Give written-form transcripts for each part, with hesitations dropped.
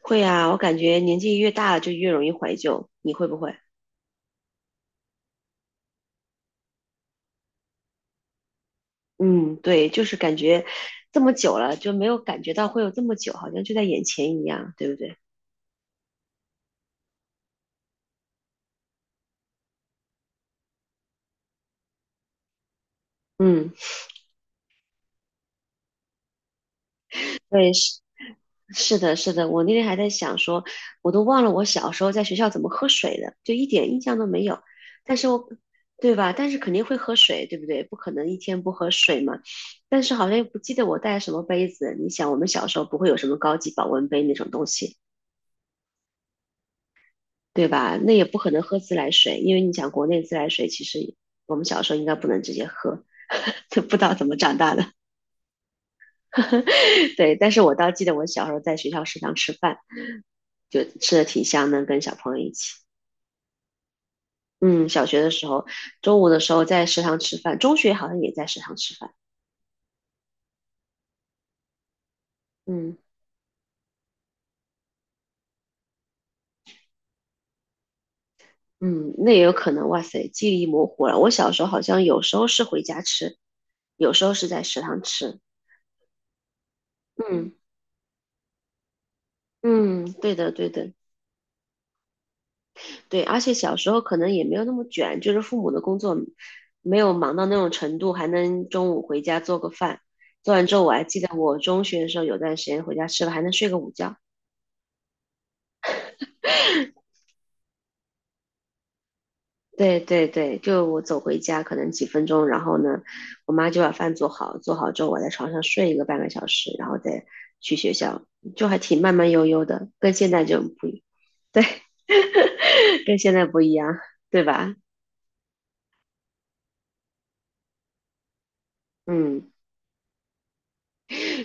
会啊，我感觉年纪越大了就越容易怀旧，你会不会？嗯，对，就是感觉这么久了就没有感觉到会有这么久，好像就在眼前一样，对不对？嗯，对，是的，是的，我那天还在想说，我都忘了我小时候在学校怎么喝水的，就一点印象都没有。但是我，对吧？但是肯定会喝水，对不对？不可能一天不喝水嘛。但是好像又不记得我带什么杯子。你想，我们小时候不会有什么高级保温杯那种东西，对吧？那也不可能喝自来水，因为你想，国内自来水，其实我们小时候应该不能直接喝，就不知道怎么长大的。对，但是我倒记得我小时候在学校食堂吃饭，就吃的挺香的，跟小朋友一起。嗯，小学的时候，中午的时候在食堂吃饭，中学好像也在食堂吃饭。嗯嗯，那也有可能。哇塞，记忆模糊了。我小时候好像有时候是回家吃，有时候是在食堂吃。嗯嗯，对的对的。对，而且小时候可能也没有那么卷，就是父母的工作没有忙到那种程度，还能中午回家做个饭。做完之后，我还记得我中学的时候有段时间回家吃了还能睡个午觉。对对对，就我走回家可能几分钟，然后呢，我妈就把饭做好，做好之后我在床上睡一个半个小时，然后再去学校，就还挺慢慢悠悠的，跟现在就很不一，对，跟现在不一样，对吧？嗯。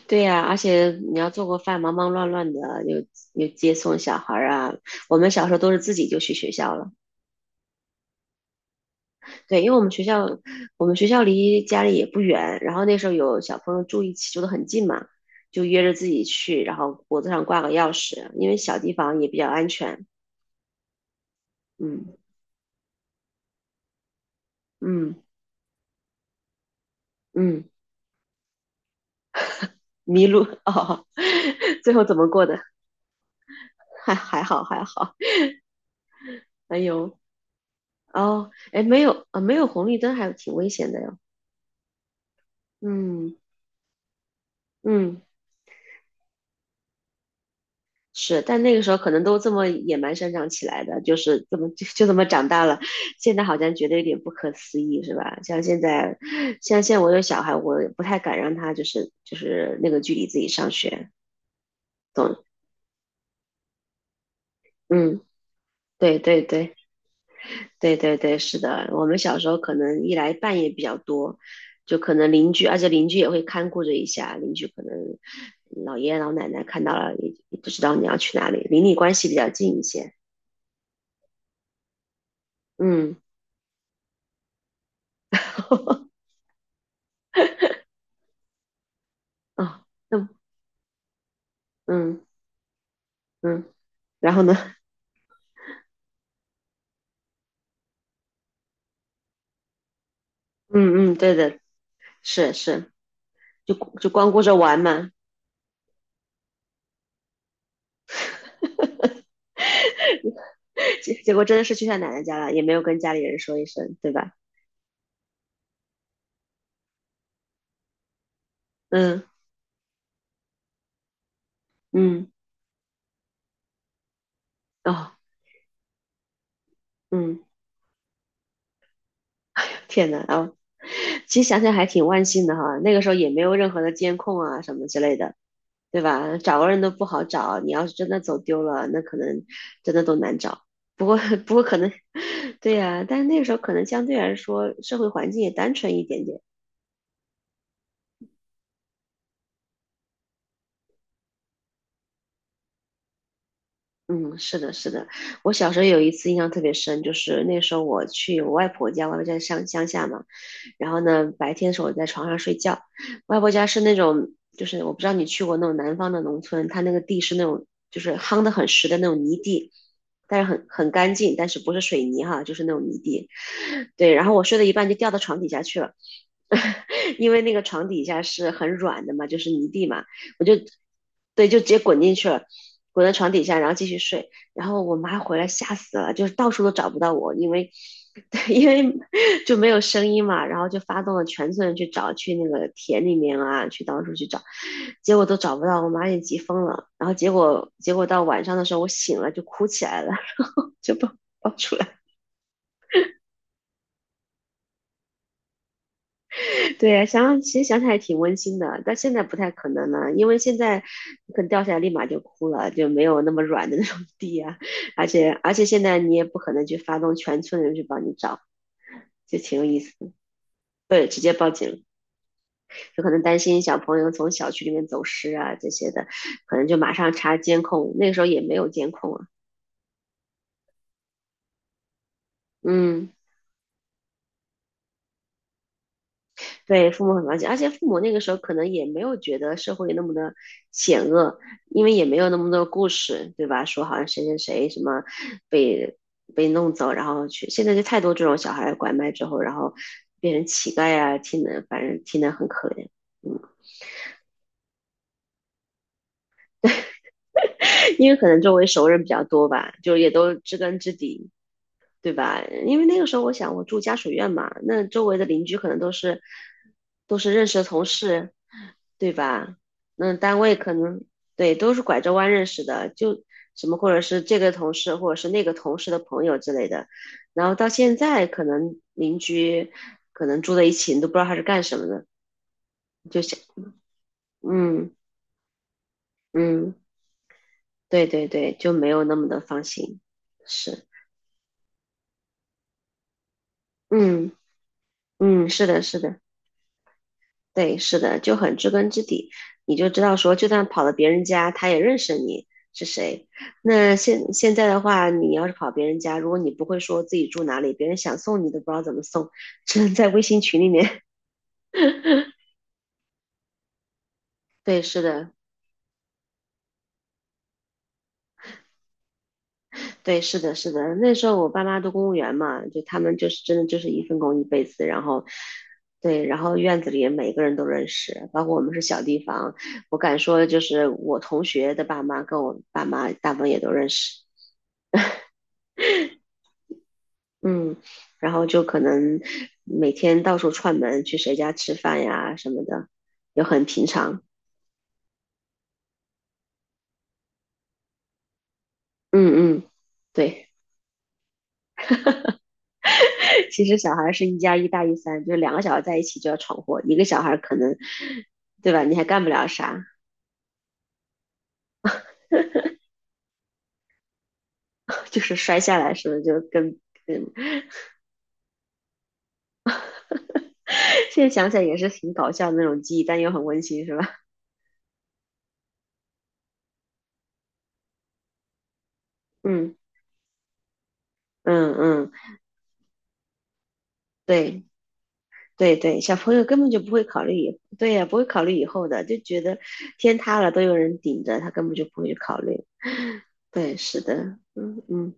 对呀，而且你要做过饭，忙忙乱乱的，又又接送小孩儿啊。我们小时候都是自己就去学校了，对，因为我们学校，我们学校离家里也不远，然后那时候有小朋友住一起，住得很近嘛，就约着自己去，然后脖子上挂个钥匙，因为小地方也比较安全。嗯嗯嗯，迷路哦，最后怎么过的？还好还好。哎呦哦，哎没有啊，没有红绿灯还挺危险的哟。嗯嗯。是，但那个时候可能都这么野蛮生长起来的，就是这么就就这么长大了。现在好像觉得有点不可思议，是吧？像现在我有小孩，我不太敢让他就是那个距离自己上学，懂？嗯，对对对对对对，是的。我们小时候可能一来半夜比较多，就可能邻居，而且邻居也会看顾着一下，邻居可能老爷爷老奶奶看到了也不知道你要去哪里，邻里关系比较近一些。嗯，哦。嗯嗯，然后呢？嗯嗯，对的，是是，就就光顾着玩嘛，结果真的是去他奶奶家了，也没有跟家里人说一声，对吧？嗯嗯，哦嗯，天呐，哦，其实想想还挺万幸的哈，那个时候也没有任何的监控啊什么之类的，对吧？找个人都不好找，你要是真的走丢了，那可能真的都难找。不过 不过可能，对呀、但是那个时候可能相对来说社会环境也单纯一点点。嗯，是的，是的。我小时候有一次印象特别深，就是那时候我去我外婆家，我外婆家在乡下嘛。然后呢，白天的时候我在床上睡觉，外婆家是那种，就是我不知道你去过那种南方的农村，它那个地是那种就是夯得很实的那种泥地，但是很干净，但是不是水泥哈，就是那种泥地。对，然后我睡到一半就掉到床底下去了。因为那个床底下是很软的嘛，就是泥地嘛，我就对，就直接滚进去了，滚到床底下，然后继续睡。然后我妈回来吓死了，就是到处都找不到我，因为 对，因为就没有声音嘛，然后就发动了全村人去找，去那个田里面啊，去到处去找，结果都找不到，我妈也急疯了。然后结果到晚上的时候，我醒了就哭起来了，就抱出来。对，想想其实想起来挺温馨的，但现在不太可能了，因为现在可能掉下来立马就哭了，就没有那么软的那种地啊，而且现在你也不可能去发动全村人去帮你找，就挺有意思的对，直接报警，就可能担心小朋友从小区里面走失啊这些的，可能就马上查监控，那个时候也没有监控啊，嗯。对，父母很了解，而且父母那个时候可能也没有觉得社会那么的险恶，因为也没有那么多故事，对吧？说好像谁谁谁什么被被弄走，然后去，现在就太多这种小孩拐卖之后，然后变成乞丐啊，听的反正听的很可怜，嗯，因为可能周围熟人比较多吧，就也都知根知底，对吧？因为那个时候我想我住家属院嘛，那周围的邻居可能都是认识的同事，对吧？那单位可能对都是拐着弯认识的，就什么或者是这个同事或者是那个同事的朋友之类的。然后到现在可能邻居住在一起，你都不知道他是干什么的，就想嗯嗯，对对对，就没有那么的放心，是嗯嗯是的是的。对，是的，就很知根知底，你就知道说，就算跑到别人家，他也认识你是谁。那现在的话，你要是跑别人家，如果你不会说自己住哪里，别人想送你都不知道怎么送，只能在微信群里面。对，是的，对，是的，是的。那时候我爸妈都公务员嘛，他们真的就是一份工一辈子，然后。对，然后院子里每个人都认识，包括我们是小地方，我敢说就是我同学的爸妈跟我爸妈大部分也都认识。嗯，然后就可能每天到处串门，去谁家吃饭呀什么的，也很平常。嗯嗯，对，其实小孩是一加一大于三，就是两个小孩在一起就要闯祸，一个小孩可能，对吧？你还干不了啥，就是摔下来是不是就跟，现在想起来也是挺搞笑的那种记忆，但又很温馨，是吧？嗯嗯嗯，对。对对，小朋友根本就不会考虑以，对呀，不会考虑以后的，就觉得天塌了都有人顶着，他根本就不会去考虑。对，是的，嗯嗯，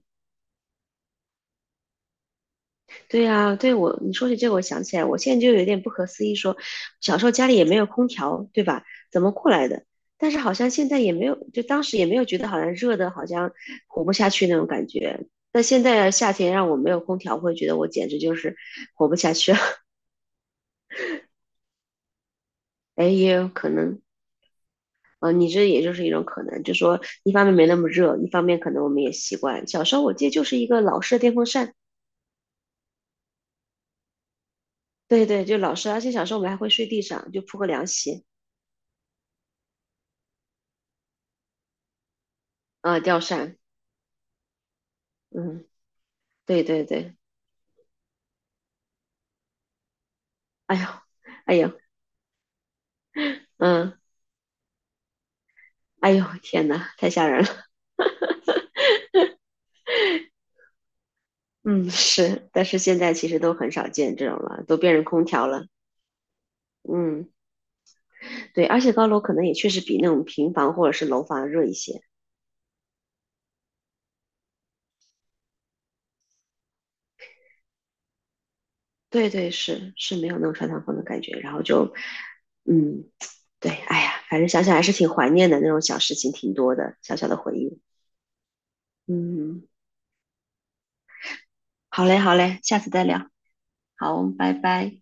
对呀，对我，你说起这个，我想起来，我现在就有点不可思议说，小时候家里也没有空调，对吧？怎么过来的？但是好像现在也没有，就当时也没有觉得好像热的，好像活不下去那种感觉。但现在夏天让我没有空调，我会觉得我简直就是活不下去了。哎，也有可能。嗯、你这也就是一种可能，就说一方面没那么热，一方面可能我们也习惯。小时候我记得就是一个老式的电风扇，对对，就老式，而且小时候我们还会睡地上，就铺个凉席，啊、吊扇，嗯，对对对，哎呦，哎呦，嗯，哎呦，天呐，太吓人了，嗯，是，但是现在其实都很少见这种了，都变成空调了，嗯，对，而且高楼可能也确实比那种平房或者是楼房热一些，对对，是是没有那种穿堂风的感觉，然后就，嗯。对，哎呀，反正想想还是挺怀念的，那种小事情挺多的，小小的回忆。嗯，好嘞，好嘞，下次再聊。好，拜拜。